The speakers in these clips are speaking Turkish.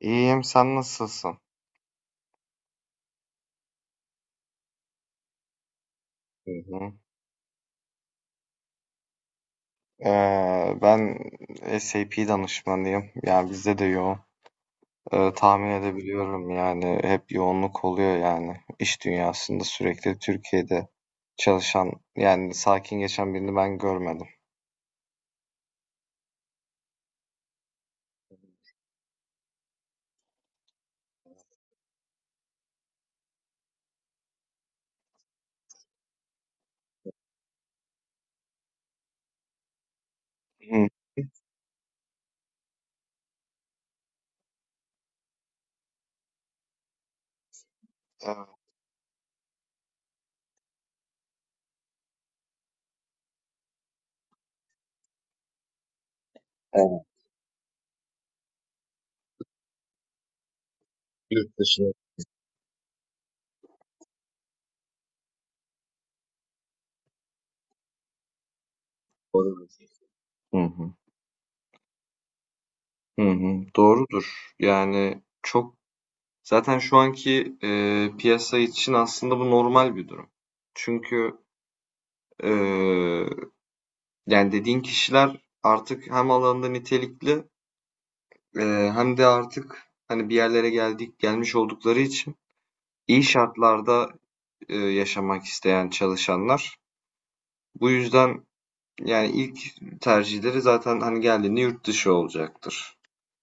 İyiyim, sen nasılsın? Hı hı. Ben SAP danışmanıyım. Yani bizde de yoğun. Tahmin edebiliyorum yani hep yoğunluk oluyor yani. İş dünyasında sürekli Türkiye'de çalışan yani sakin geçen birini ben görmedim. Hı. Evet. Evet. Yurt dışına doğru. Hı hı. Hı hı. Doğrudur. Yani çok Zaten şu anki, piyasa için aslında bu normal bir durum. Çünkü, eee, yani dediğin kişiler artık hem alanında nitelikli, hem de artık hani bir yerlere gelmiş oldukları için iyi şartlarda, yaşamak isteyen çalışanlar. Bu yüzden yani ilk tercihleri zaten hani geldiğinde yurt dışı olacaktır.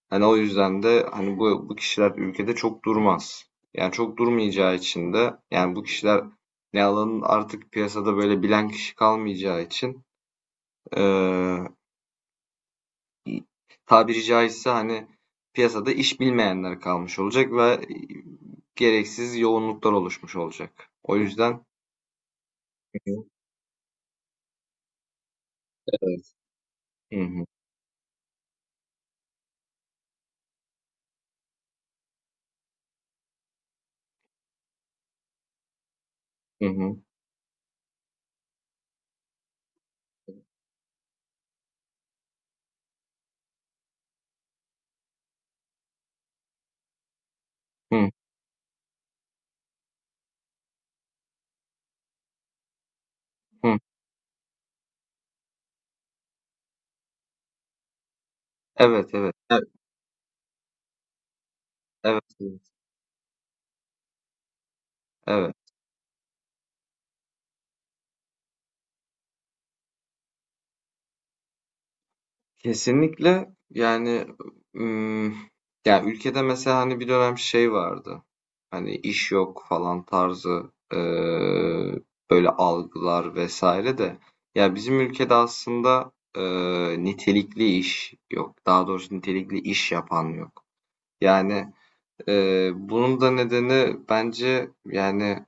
Hani o yüzden de hani bu kişiler ülkede çok durmaz. Yani çok durmayacağı için de yani bu kişiler ne alanın artık piyasada böyle bilen kişi kalmayacağı için eee, tabiri caizse hani piyasada iş bilmeyenler kalmış olacak ve gereksiz yoğunluklar oluşmuş olacak. O yüzden evet. Hı hı, hı hı, hı hı. Evet, evet. Evet, evet. Evet. Kesinlikle yani ım, ya ülkede mesela hani bir dönem şey vardı. Hani iş yok falan tarzı böyle algılar vesaire de ya bizim ülkede aslında nitelikli iş yok. Daha doğrusu nitelikli iş yapan yok. Yani bunun da nedeni bence yani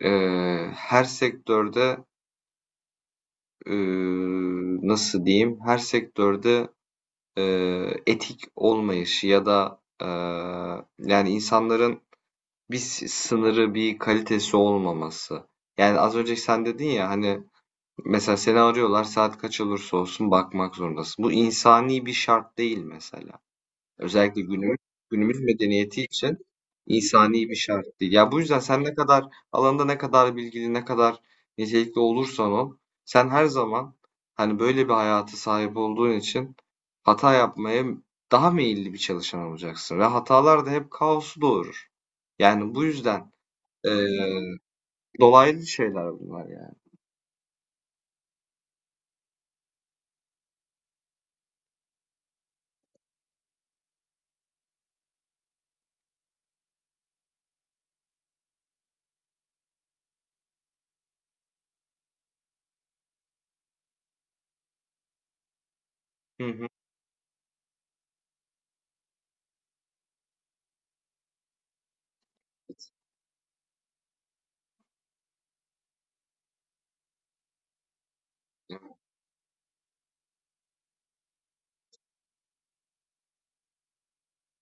her sektörde eee, nasıl diyeyim her sektörde etik olmayışı ya da yani insanların bir sınırı, bir kalitesi olmaması. Yani az önce sen dedin ya hani mesela seni arıyorlar saat kaç olursa olsun bakmak zorundasın. Bu insani bir şart değil mesela. Özellikle günümüz, günümüz medeniyeti için insani bir şart değil. Ya bu yüzden sen ne kadar alanda ne kadar bilgili, ne kadar nitelikli olursan ol, sen her zaman hani böyle bir hayata sahip olduğun için hata yapmaya daha meyilli bir çalışan olacaksın ve hatalar da hep kaosu doğurur. Yani bu yüzden eee, dolaylı şeyler bunlar yani. Hı hı.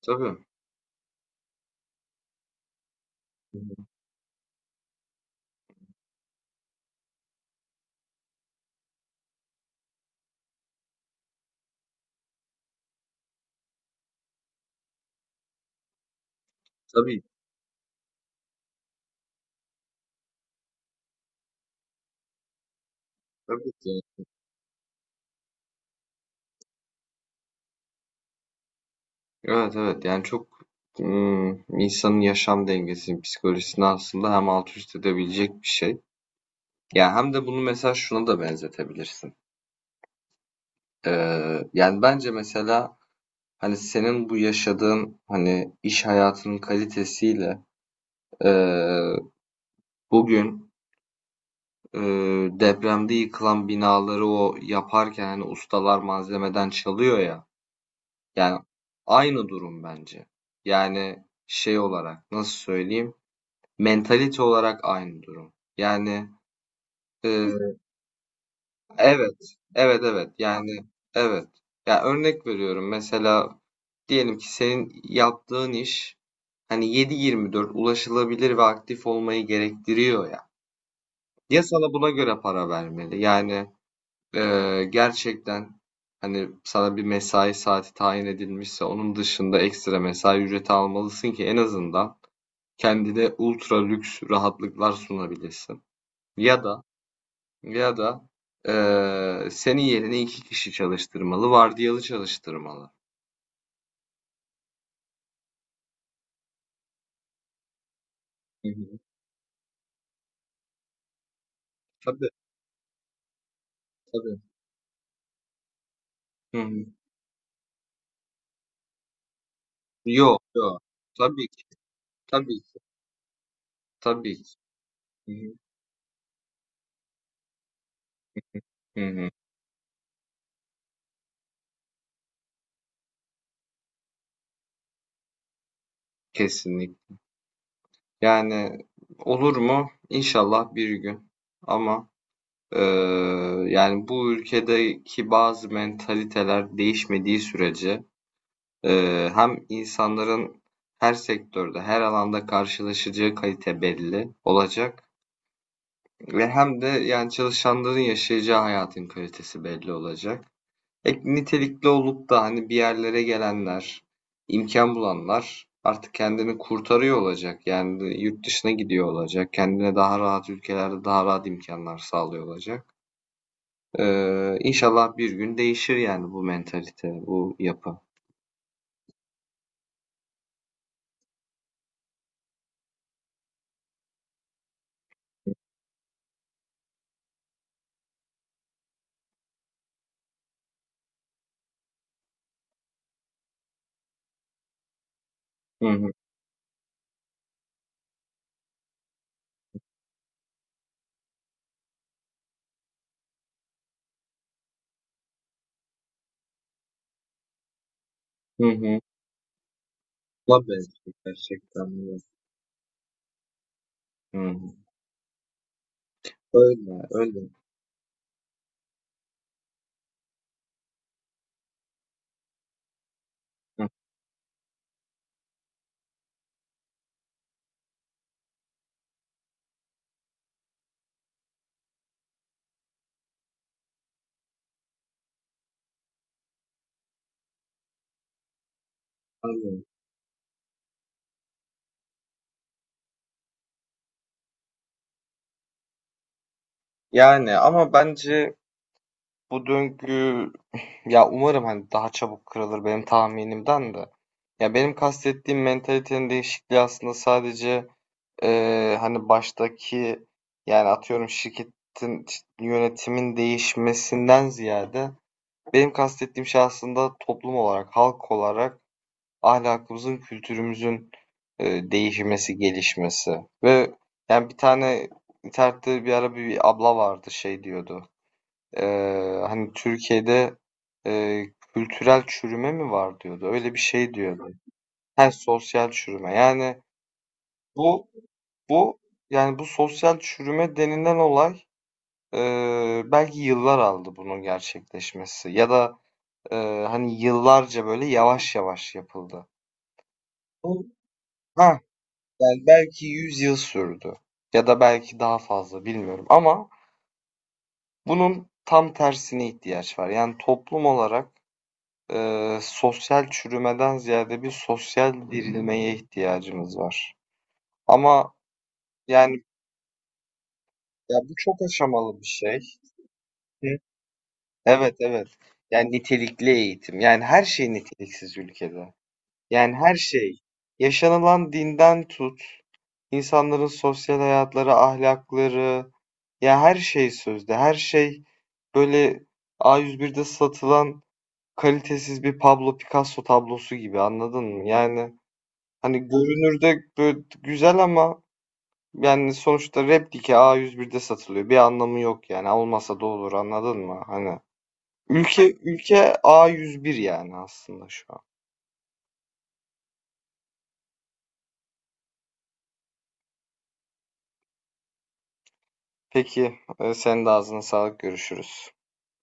Tabii. Hı hı. Tabii. Tabii ki. Evet evet yani çok insanın yaşam dengesini, psikolojisini aslında hem alt üst edebilecek bir şey. Yani hem de bunu mesela şuna da benzetebilirsin. Yani bence mesela hani senin bu yaşadığın hani iş hayatının kalitesiyle ee, bugün ee, depremde yıkılan binaları o yaparken hani ustalar malzemeden çalıyor ya. Yani aynı durum bence. Yani şey olarak nasıl söyleyeyim? Mentalite olarak aynı durum. Yani, eee, evet, evet, evet. Yani, evet. Ya, örnek veriyorum. Mesela diyelim ki senin yaptığın iş hani 7/24 ulaşılabilir ve aktif olmayı gerektiriyor ya. Ya sana buna göre para vermeli. Yani, gerçekten hani sana bir mesai saati tayin edilmişse onun dışında ekstra mesai ücreti almalısın ki en azından kendine ultra lüks rahatlıklar sunabilesin. Ya da Ya da senin yerine iki kişi çalıştırmalı, vardiyalı çalıştırmalı. Hı hı. Tabii, tabii. Hı hı. Yok, yok. Tabii ki, tabii ki, tabii ki. Hı hı. Hı hı. Kesinlikle. Yani olur mu? İnşallah bir gün. Ama eee, yani bu ülkedeki bazı mentaliteler değişmediği sürece hem insanların her sektörde, her alanda karşılaşacağı kalite belli olacak. Ve hem de yani çalışanların yaşayacağı hayatın kalitesi belli olacak. Nitelikli olup da hani bir yerlere gelenler, imkan bulanlar artık kendini kurtarıyor olacak. Yani yurt dışına gidiyor olacak. Kendine daha rahat ülkelerde daha rahat imkanlar sağlıyor olacak. İnşallah bir gün değişir yani bu mentalite, bu yapı. Hı hı. Hı hı. Tabii gerçekten. Öyle. Hı hı. Öyle, öyle. Hı, anlıyorum. Yani ama bence bu döngü ya umarım hani daha çabuk kırılır benim tahminimden de. Ya benim kastettiğim mentalitenin değişikliği aslında sadece hani baştaki yani atıyorum şirketin yönetimin değişmesinden ziyade benim kastettiğim şey aslında toplum olarak, halk olarak ahlakımızın, kültürümüzün değişmesi, gelişmesi. Ve yani bir tane internette bir ara bir abla vardı şey diyordu. Hani Türkiye'de kültürel çürüme mi var diyordu. Öyle bir şey diyordu. Her sosyal çürüme. Yani bu bu yani bu sosyal çürüme denilen olay belki yıllar aldı bunun gerçekleşmesi ya da hani yıllarca böyle yavaş yavaş yapıldı. Bu- Ha, yani belki 100 yıl sürdü ya da belki daha fazla bilmiyorum ama bunun tam tersine ihtiyaç var. Yani toplum olarak sosyal çürümeden ziyade bir sosyal dirilmeye ihtiyacımız var. Ama yani ya bu çok aşamalı bir şey. Hı. Evet evet. Yani nitelikli eğitim. Yani her şey niteliksiz ülkede. Yani her şey. Yaşanılan dinden tut, insanların sosyal hayatları, ahlakları, ya her şey sözde. Her şey böyle A101'de satılan kalitesiz bir Pablo Picasso tablosu gibi anladın mı? Yani hani görünürde böyle güzel ama yani sonuçta replike A101'de satılıyor. Bir anlamı yok yani. Olmasa da olur anladın mı? Hani ülke ülke A101 yani aslında şu an. Peki senin de ağzına sağlık görüşürüz.